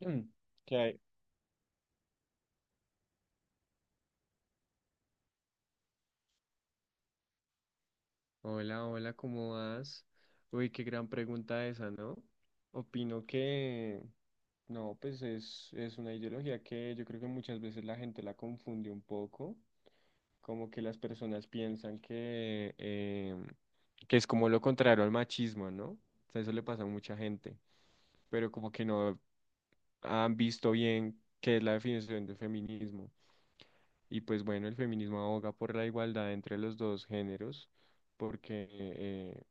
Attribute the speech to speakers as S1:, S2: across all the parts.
S1: Mm. ¿Qué hay? Hola, hola, ¿cómo vas? Uy, qué gran pregunta esa, ¿no? Opino que no, pues es una ideología que yo creo que muchas veces la gente la confunde un poco, como que las personas piensan que es como lo contrario al machismo, ¿no? O sea, eso le pasa a mucha gente, pero como que no han visto bien qué es la definición de feminismo. Y pues bueno, el feminismo aboga por la igualdad entre los dos géneros, porque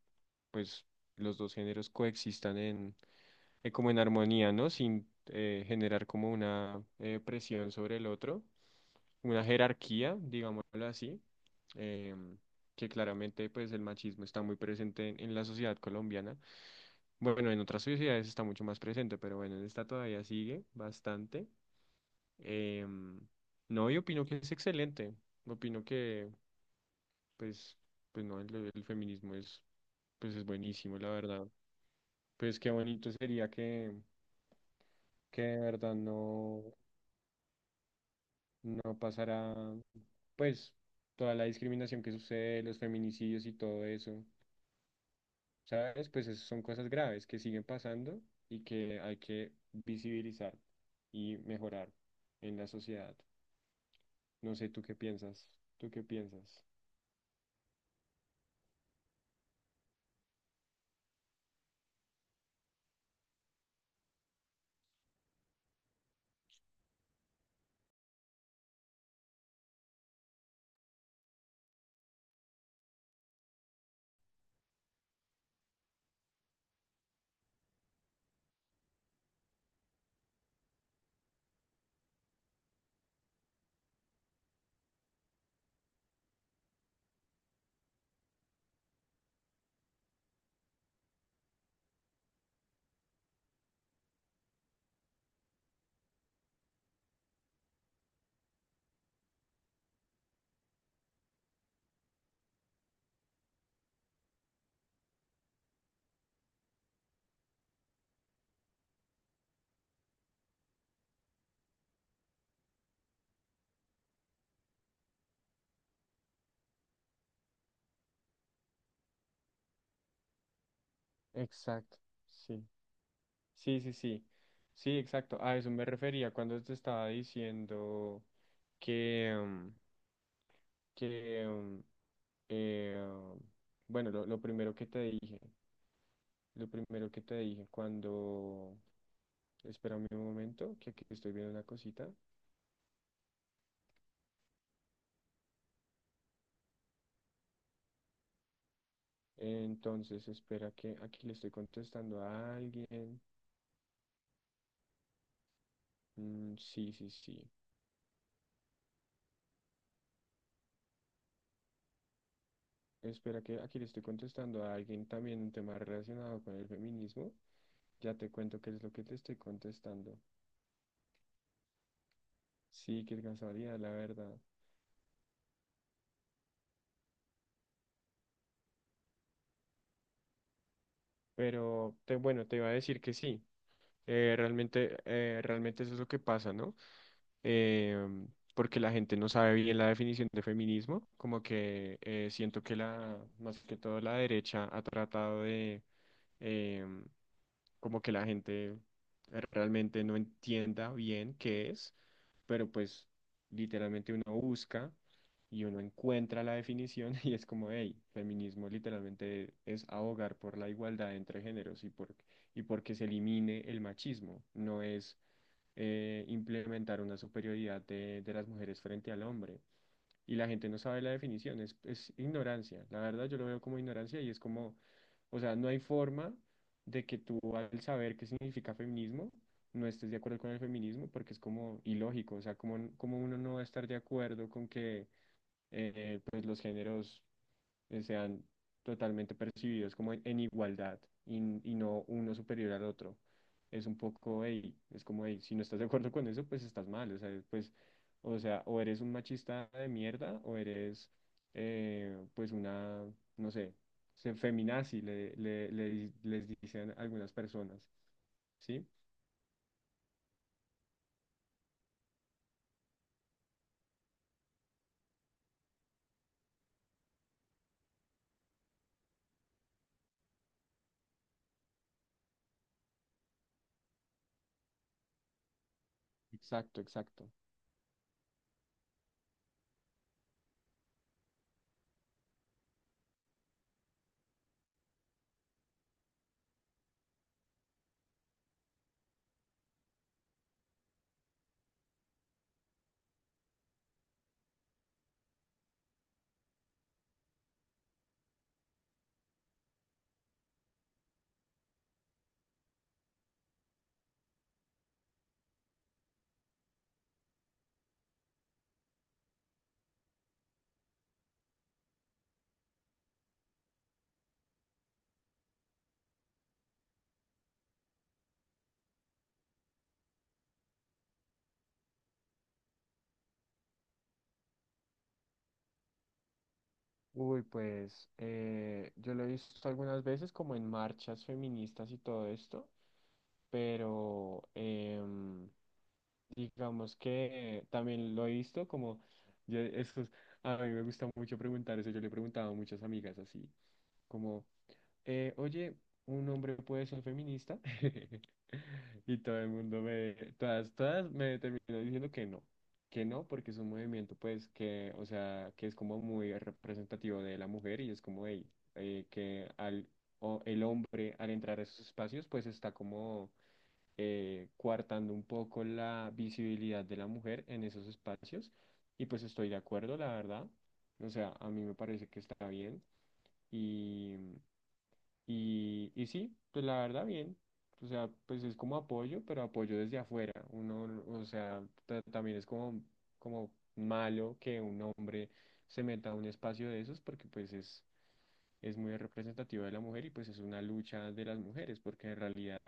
S1: pues los dos géneros coexistan en, como en armonía, ¿no? Sin generar como una presión sobre el otro, una jerarquía, digámoslo así, em, que claramente pues el machismo está muy presente en, la sociedad colombiana. Bueno, en otras sociedades está mucho más presente, pero bueno, en esta todavía sigue bastante. Em, no, yo opino que es excelente. Opino que pues, pues, no, el feminismo es, pues es buenísimo, la verdad. Pues qué bonito sería que de verdad no, no pasara, pues, toda la discriminación que sucede, los feminicidios y todo eso, ¿sabes? Pues esas son cosas graves que siguen pasando y que hay que visibilizar y mejorar en la sociedad. No sé, ¿tú qué piensas? ¿Tú qué piensas? Exacto, sí. Sí, sí, sí. Sí, exacto. A eso me refería cuando te estaba diciendo que, mm, que, mm, eh, bueno, lo primero que te dije cuando, espérame un momento, que aquí estoy viendo una cosita. Entonces, espera que aquí le estoy contestando a alguien. Mm, sí, sí, sí. Espera que aquí le estoy contestando a alguien también un tema relacionado con el feminismo. Ya te cuento qué es lo que te estoy contestando. Sí, que alcanzaría, la verdad. Pero bueno, te iba a decir que sí. Realmente eso es lo que pasa, ¿no? Em, porque la gente no sabe bien la definición de feminismo. Como que siento que la, más que todo la derecha ha tratado de, em, como que la gente realmente no entienda bien qué es, pero pues literalmente uno busca y uno encuentra la definición y es como, hey, feminismo literalmente es abogar por la igualdad entre géneros y por, y porque se elimine el machismo, no es implementar una superioridad de, las mujeres frente al hombre y la gente no sabe la definición, es ignorancia. La verdad yo lo veo como ignorancia y es como, o sea, no hay forma de que tú al saber qué significa feminismo, no estés de acuerdo con el feminismo porque es como ilógico, o sea, como, como uno no va a estar de acuerdo con que pues los géneros sean totalmente percibidos como en igualdad y no uno superior al otro. Es un poco, "Ey", es como, "Ey, si no estás de acuerdo con eso, pues estás mal. O sea, pues, o sea, o eres un machista de mierda o eres, pues, una, no sé, feminazi, les dicen algunas personas, ¿sí? Exacto, exacto. Uy, pues yo lo he visto algunas veces como en marchas feministas y todo esto, pero digamos que también lo he visto como, yo, eso es- a mí me gusta mucho preguntar eso, yo le preguntaba a muchas amigas así, como, oye, un hombre puede ser feminista. Y todo el mundo todas me terminó diciendo que no, porque es un movimiento, pues, que, o sea, que es como muy representativo de la mujer y es como, hey, eh, que al, o el hombre al entrar a esos espacios, pues está como coartando un poco la visibilidad de la mujer en esos espacios. Y pues estoy de acuerdo, la verdad. O sea, a mí me parece que está bien. Y sí, pues la verdad bien. O sea, pues es como apoyo, pero apoyo desde afuera. Uno, o sea, también es como, como malo que un hombre se meta a un espacio de esos porque pues es muy representativa de la mujer y pues es una lucha de las mujeres, porque en realidad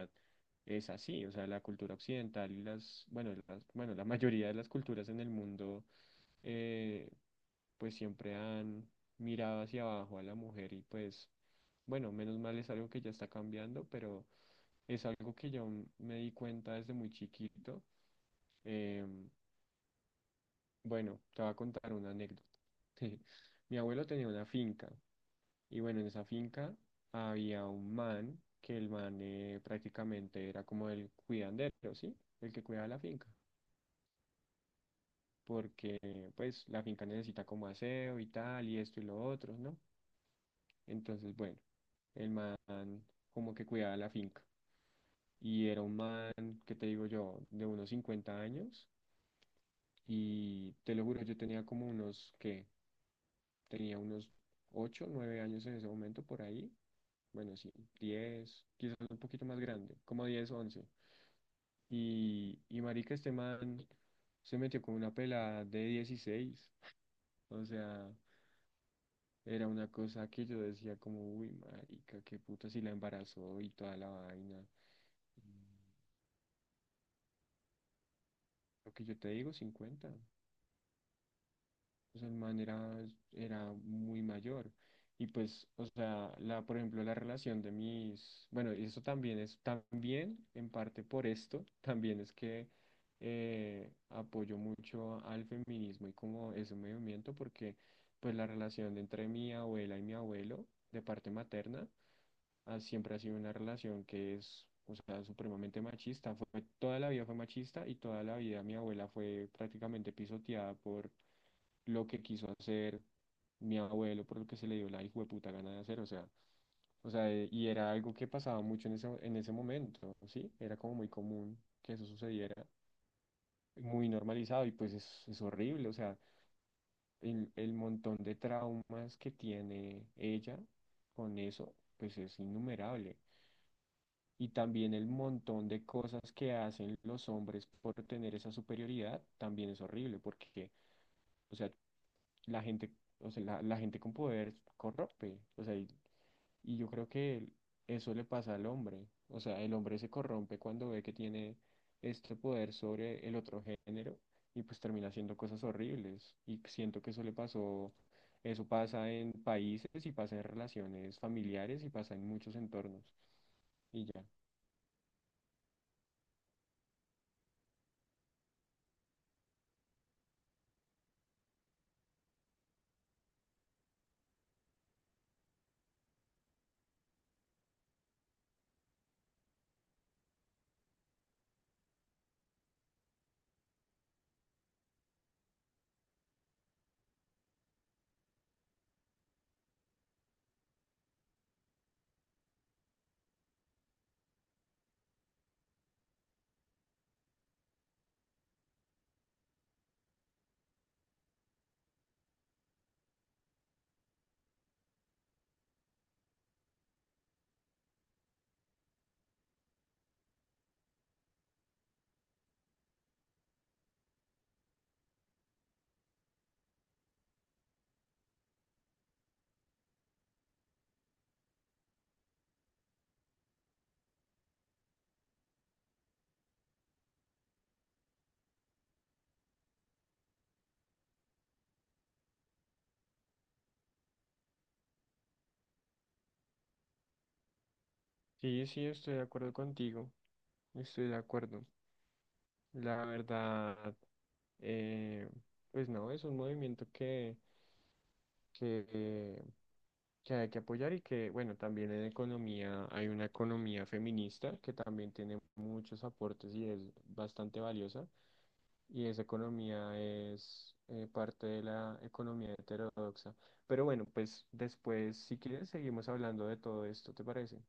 S1: es así, o sea, la cultura occidental y las, bueno, la mayoría de las culturas en el mundo, eh, pues siempre han mirado hacia abajo a la mujer y pues, bueno, menos mal es algo que ya está cambiando, pero es algo que yo me di cuenta desde muy chiquito. Em, bueno, te voy a contar una anécdota. Mi abuelo tenía una finca y bueno, en esa finca había un man, que el man prácticamente era como el cuidandero, ¿sí? El que cuidaba la finca, porque pues la finca necesita como aseo y tal, y esto y lo otro, ¿no? Entonces, bueno, el man como que cuidaba la finca. Y era un man, ¿que te digo yo? De unos 50 años. Y te lo juro, yo tenía como unos, que tenía unos 8 9 años en ese momento por ahí. Bueno, sí, 10 quizás un poquito más grande, como 10 once. Y marica, este man se metió con una pelada de 16. O sea, era una cosa que yo decía como, uy, marica, qué puta si la embarazó y toda la vaina. Mm. Lo que yo te digo, 50. O sea, el man era, era muy mayor. Y pues, o sea, la, por ejemplo, la relación de mis, bueno, y eso también es, también en parte por esto, también es que apoyo mucho al feminismo y como ese movimiento, porque pues la relación entre mi abuela y mi abuelo, de parte materna, siempre ha sido una relación que es, o sea, supremamente machista. Fue, toda la vida fue machista y toda la vida mi abuela fue prácticamente pisoteada por lo que quiso hacer mi abuelo, por lo que se le dio la hijueputa gana de hacer, o sea, y era algo que pasaba mucho en ese momento, ¿sí? Era como muy común que eso sucediera, muy normalizado, y pues es horrible, o sea, el, montón de traumas que tiene ella con eso, pues es innumerable. Y también el montón de cosas que hacen los hombres por tener esa superioridad, también es horrible, porque, o sea, la gente, o sea, la gente con poder corrompe, o sea, y yo creo que eso le pasa al hombre, o sea, el hombre se corrompe cuando ve que tiene este poder sobre el otro género y pues termina haciendo cosas horribles y siento que eso le pasó, eso pasa en países y pasa en relaciones familiares y pasa en muchos entornos y ya. Sí, sí, estoy de acuerdo contigo, estoy de acuerdo. La verdad, eh, pues no, es un movimiento que, eh, que hay que apoyar y que, bueno, también en economía hay una economía feminista que también tiene muchos aportes y es bastante valiosa. Y esa economía es parte de la economía heterodoxa. Pero bueno, pues después, si quieres, seguimos hablando de todo esto, ¿te parece?